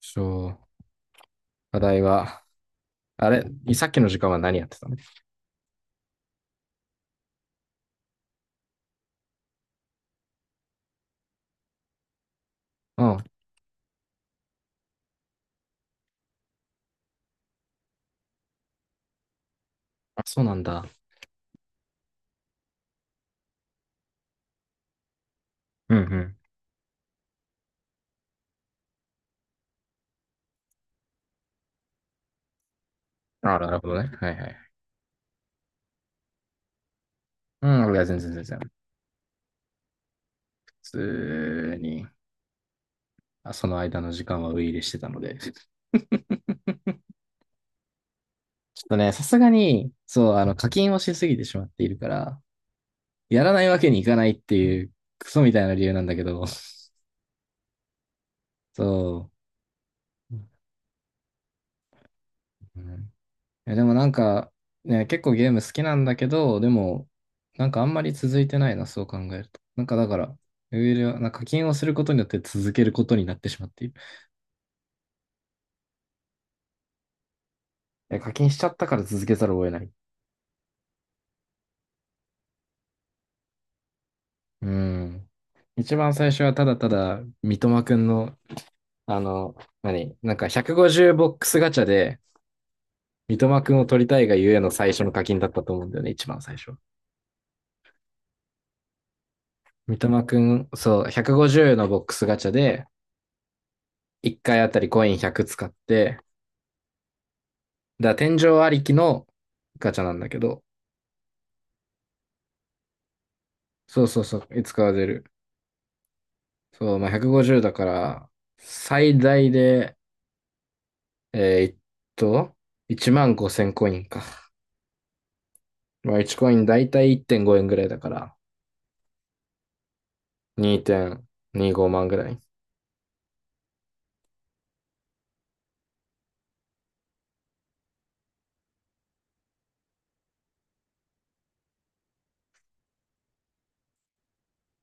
そう。課題は、あれ、さっきの時間は何やってたの？うん。あ、そうなんだ。うんうん。あ、なるほどね。はいはい。うん、いや、全然。普通に、その間の時間はウイイレしてたので。ちょっとね、さすがに、そう、課金をしすぎてしまっているから、やらないわけにいかないっていう、クソみたいな理由なんだけど、そう。うん。いや、でもなんか、ね、結構ゲーム好きなんだけど、でも、なんかあんまり続いてないな、そう考えると。なんかだから、ウェルはなんか課金をすることによって続けることになってしまっている。え、課金しちゃったから続けざるを得ない。うん。一番最初はただただ、三笘くんの、あの、なんか150ボックスガチャで、三笘くんを取りたいがゆえの最初の課金だったと思うんだよね、一番最初。三笘くん、そう、150のボックスガチャで、1回あたりコイン100使って、だから天井ありきのガチャなんだけど、そうそうそう、いつかは出る。そう、まあ、150だから、最大で、えーっと、1万5000コインか。まあ、1コインだいたい1.5円ぐらいだから、2.25万ぐらい。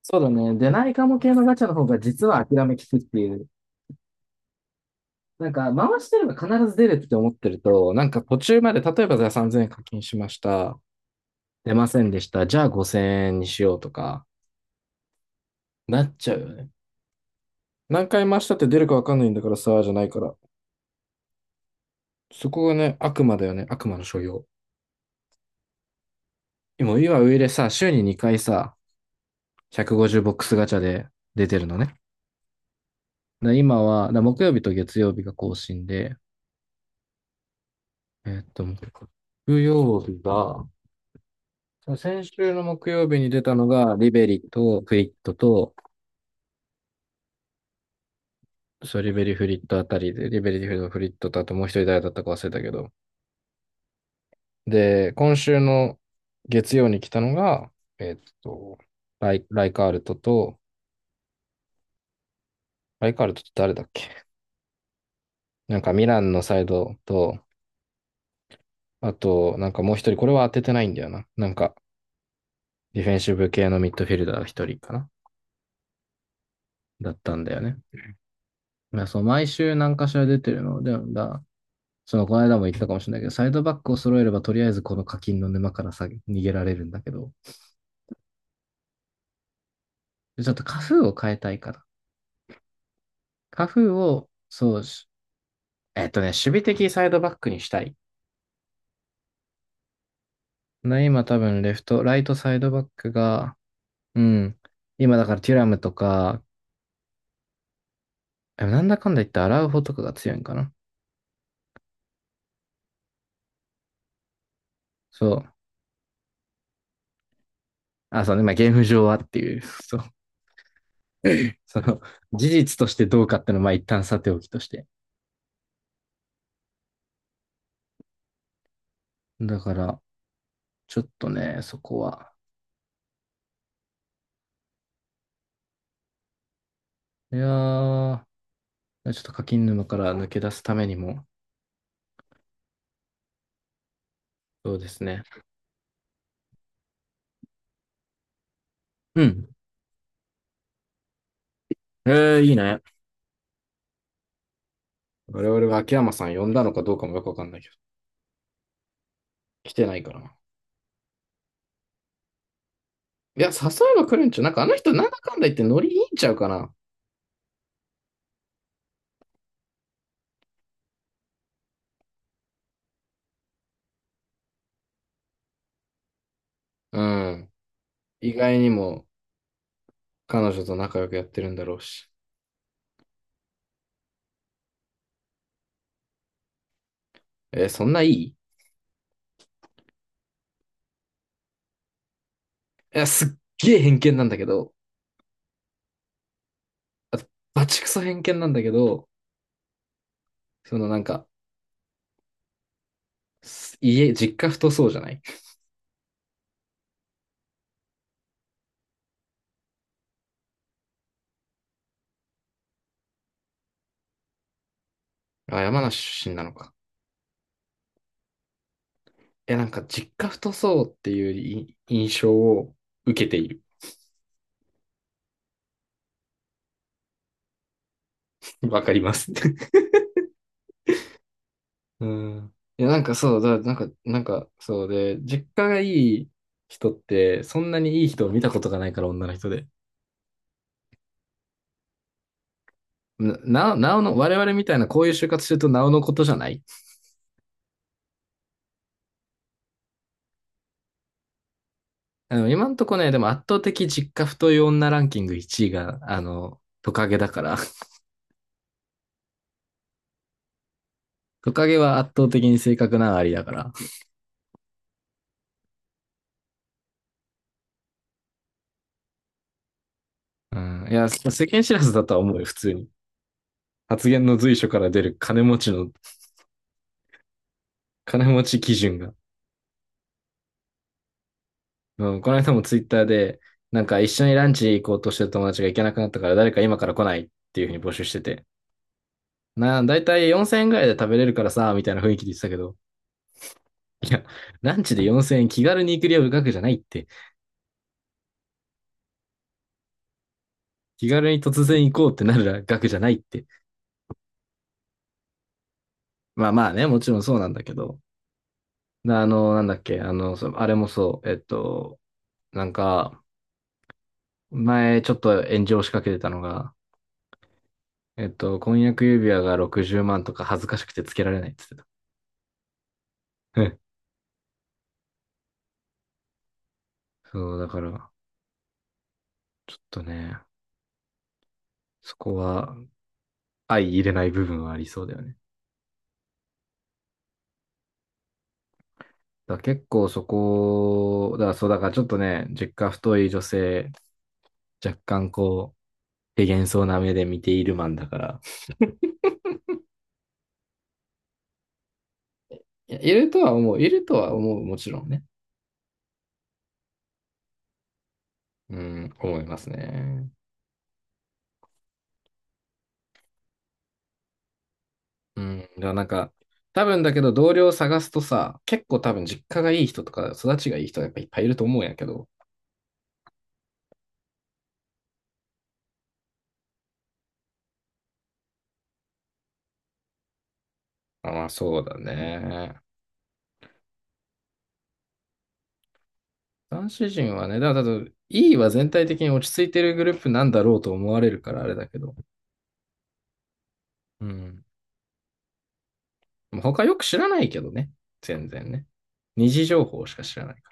そうだね。出ないかも系のガチャの方が実は諦めきくっていう。なんか、回してれば必ず出るって思ってると、なんか途中まで、例えばじゃあ3000円課金しました。出ませんでした。じゃあ5000円にしようとか、なっちゃうよね。何回回したって出るかわかんないんだからさ、じゃないから。そこがね、悪魔だよね、悪魔の所用。今上でさ、週に2回さ、150ボックスガチャで出てるのね。で今は、木曜日と月曜日が更新で、木曜日が、先週の木曜日に出たのが、リベリとフリットと、そう、リベリフリットあたりで、リベリフリットとあともう一人誰だったか忘れたけど、で、今週の月曜に来たのが、えっと、ライカールトと、ライカールトって誰だっけ？なんかミランのサイドと、あと、なんかもう一人、これは当ててないんだよな。なんか、ディフェンシブ系のミッドフィルダー一人かな、だったんだよね。まあ、そう、毎週何かしら出てるので、その、この間も言ったかもしれないけど、サイドバックを揃えれば、とりあえずこの課金の沼からさ、逃げられるんだけど、ちょっとカフーを変えたいから。カフーを、そうし、守備的サイドバックにしたい。で、今多分レフト、ライトサイドバックが、うん。今だからテュラムとか、でもなんだかんだ言ってアラウホとかが強いんかな。そう。あ、そうね。まあ、ゲーム上はっていう。そう。その、事実としてどうかってのは、まあ、一旦さておきとして。だから、ちょっとね、そこは。いやー、ちょっと課金沼から抜け出すためにも、そうですね。うん。えー、いいね。我々は秋山さん呼んだのかどうかもよくわかんないけど、来てないから。いや、誘えば来るんちゃう。なんかあの人、なんだかんだ言ってノリいいんちゃうかな。うん。意外にも彼女と仲良くやってるんだろうし。えーそんないいいや、すっげえ偏見なんだけど、あと、バチクソ偏見なんだけど、そのなんか、実家太そうじゃない？あ、山梨出身なのか。いや、なんか実家太そうっていう印象を受けている。わかります。うん。いや、なんかそう、だ、なんか、なんか、そうで、実家がいい人って、そんなにいい人を見たことがないから、女の人で。な、なおの、我々みたいなこういう就活してると、なおのことじゃない？あの、今んとこね、でも圧倒的実家太い女ランキング1位が、あの、トカゲだから。トカゲは圧倒的に性格なありだから。うん。いや、世間知らずだとは思うよ、普通に。発言の随所から出る金持ち基準が。うん、この間もツイッターで、なんか一緒にランチ行こうとしてる友達が行けなくなったから誰か今から来ないっていうふうに募集してて。だいたい4000円ぐらいで食べれるからさ、みたいな雰囲気で言ってたけど。いや、ランチで4000円気軽に行く量額じゃないって。気軽に突然行こうってなる額じゃないって。まあまあね、もちろんそうなんだけど。あの、なんだっけ、あの、そあれもそう、えっと、なんか、前ちょっと炎上しかけてたのが、婚約指輪が60万とか恥ずかしくてつけられないって言ってた。そう、だから、ちょっとね、そこは相入れない部分はありそうだよね。だから結構そこ、だからそう、だからちょっとね、実家太い女性、若干こう、手幻想な目で見ているマンだから、いや、いるとは思う、もちろんね。うん、思いますね。うん、だからなんか、多分だけど同僚を探すとさ、結構多分実家がいい人とか育ちがいい人がやっぱいっぱいいると思うんやけど、まあそうだね。男子陣はね、だから多分 E は全体的に落ち着いてるグループなんだろうと思われるからあれだけど。うん。まあ他よく知らないけどね。全然ね。二次情報しか知らないから。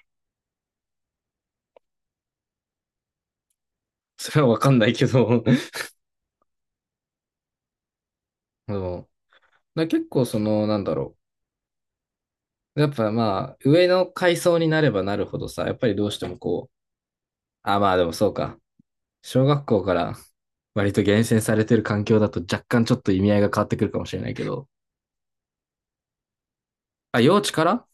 それはわかんないけど。そうだから結構その、なんだろう。やっぱまあ、上の階層になればなるほどさ、やっぱりどうしてもこう、あ、まあでもそうか。小学校から割と厳選されてる環境だと若干ちょっと意味合いが変わってくるかもしれないけど、あ、幼稚から、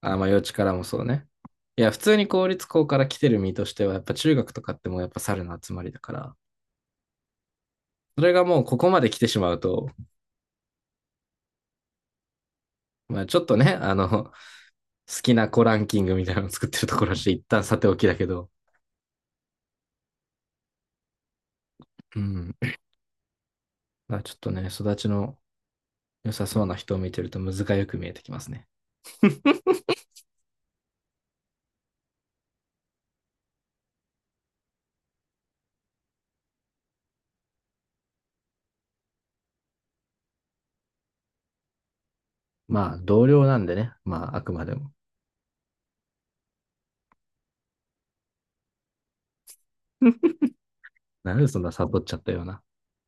あ、まあ、幼稚からもそうね。いや、普通に公立校から来てる身としては、やっぱ中学とかってもうやっぱ猿の集まりだから、それがもうここまで来てしまうと、まあ、ちょっとね、あの、好きな子ランキングみたいなのを作ってるところして、一旦さておきだけど、うん。まあ、ちょっとね、育ちの良さそうな人を見てると、むずがよく見えてきますね。まあ、同僚なんでね、まあ、あくまでも。なんでそんなサボっちゃったような。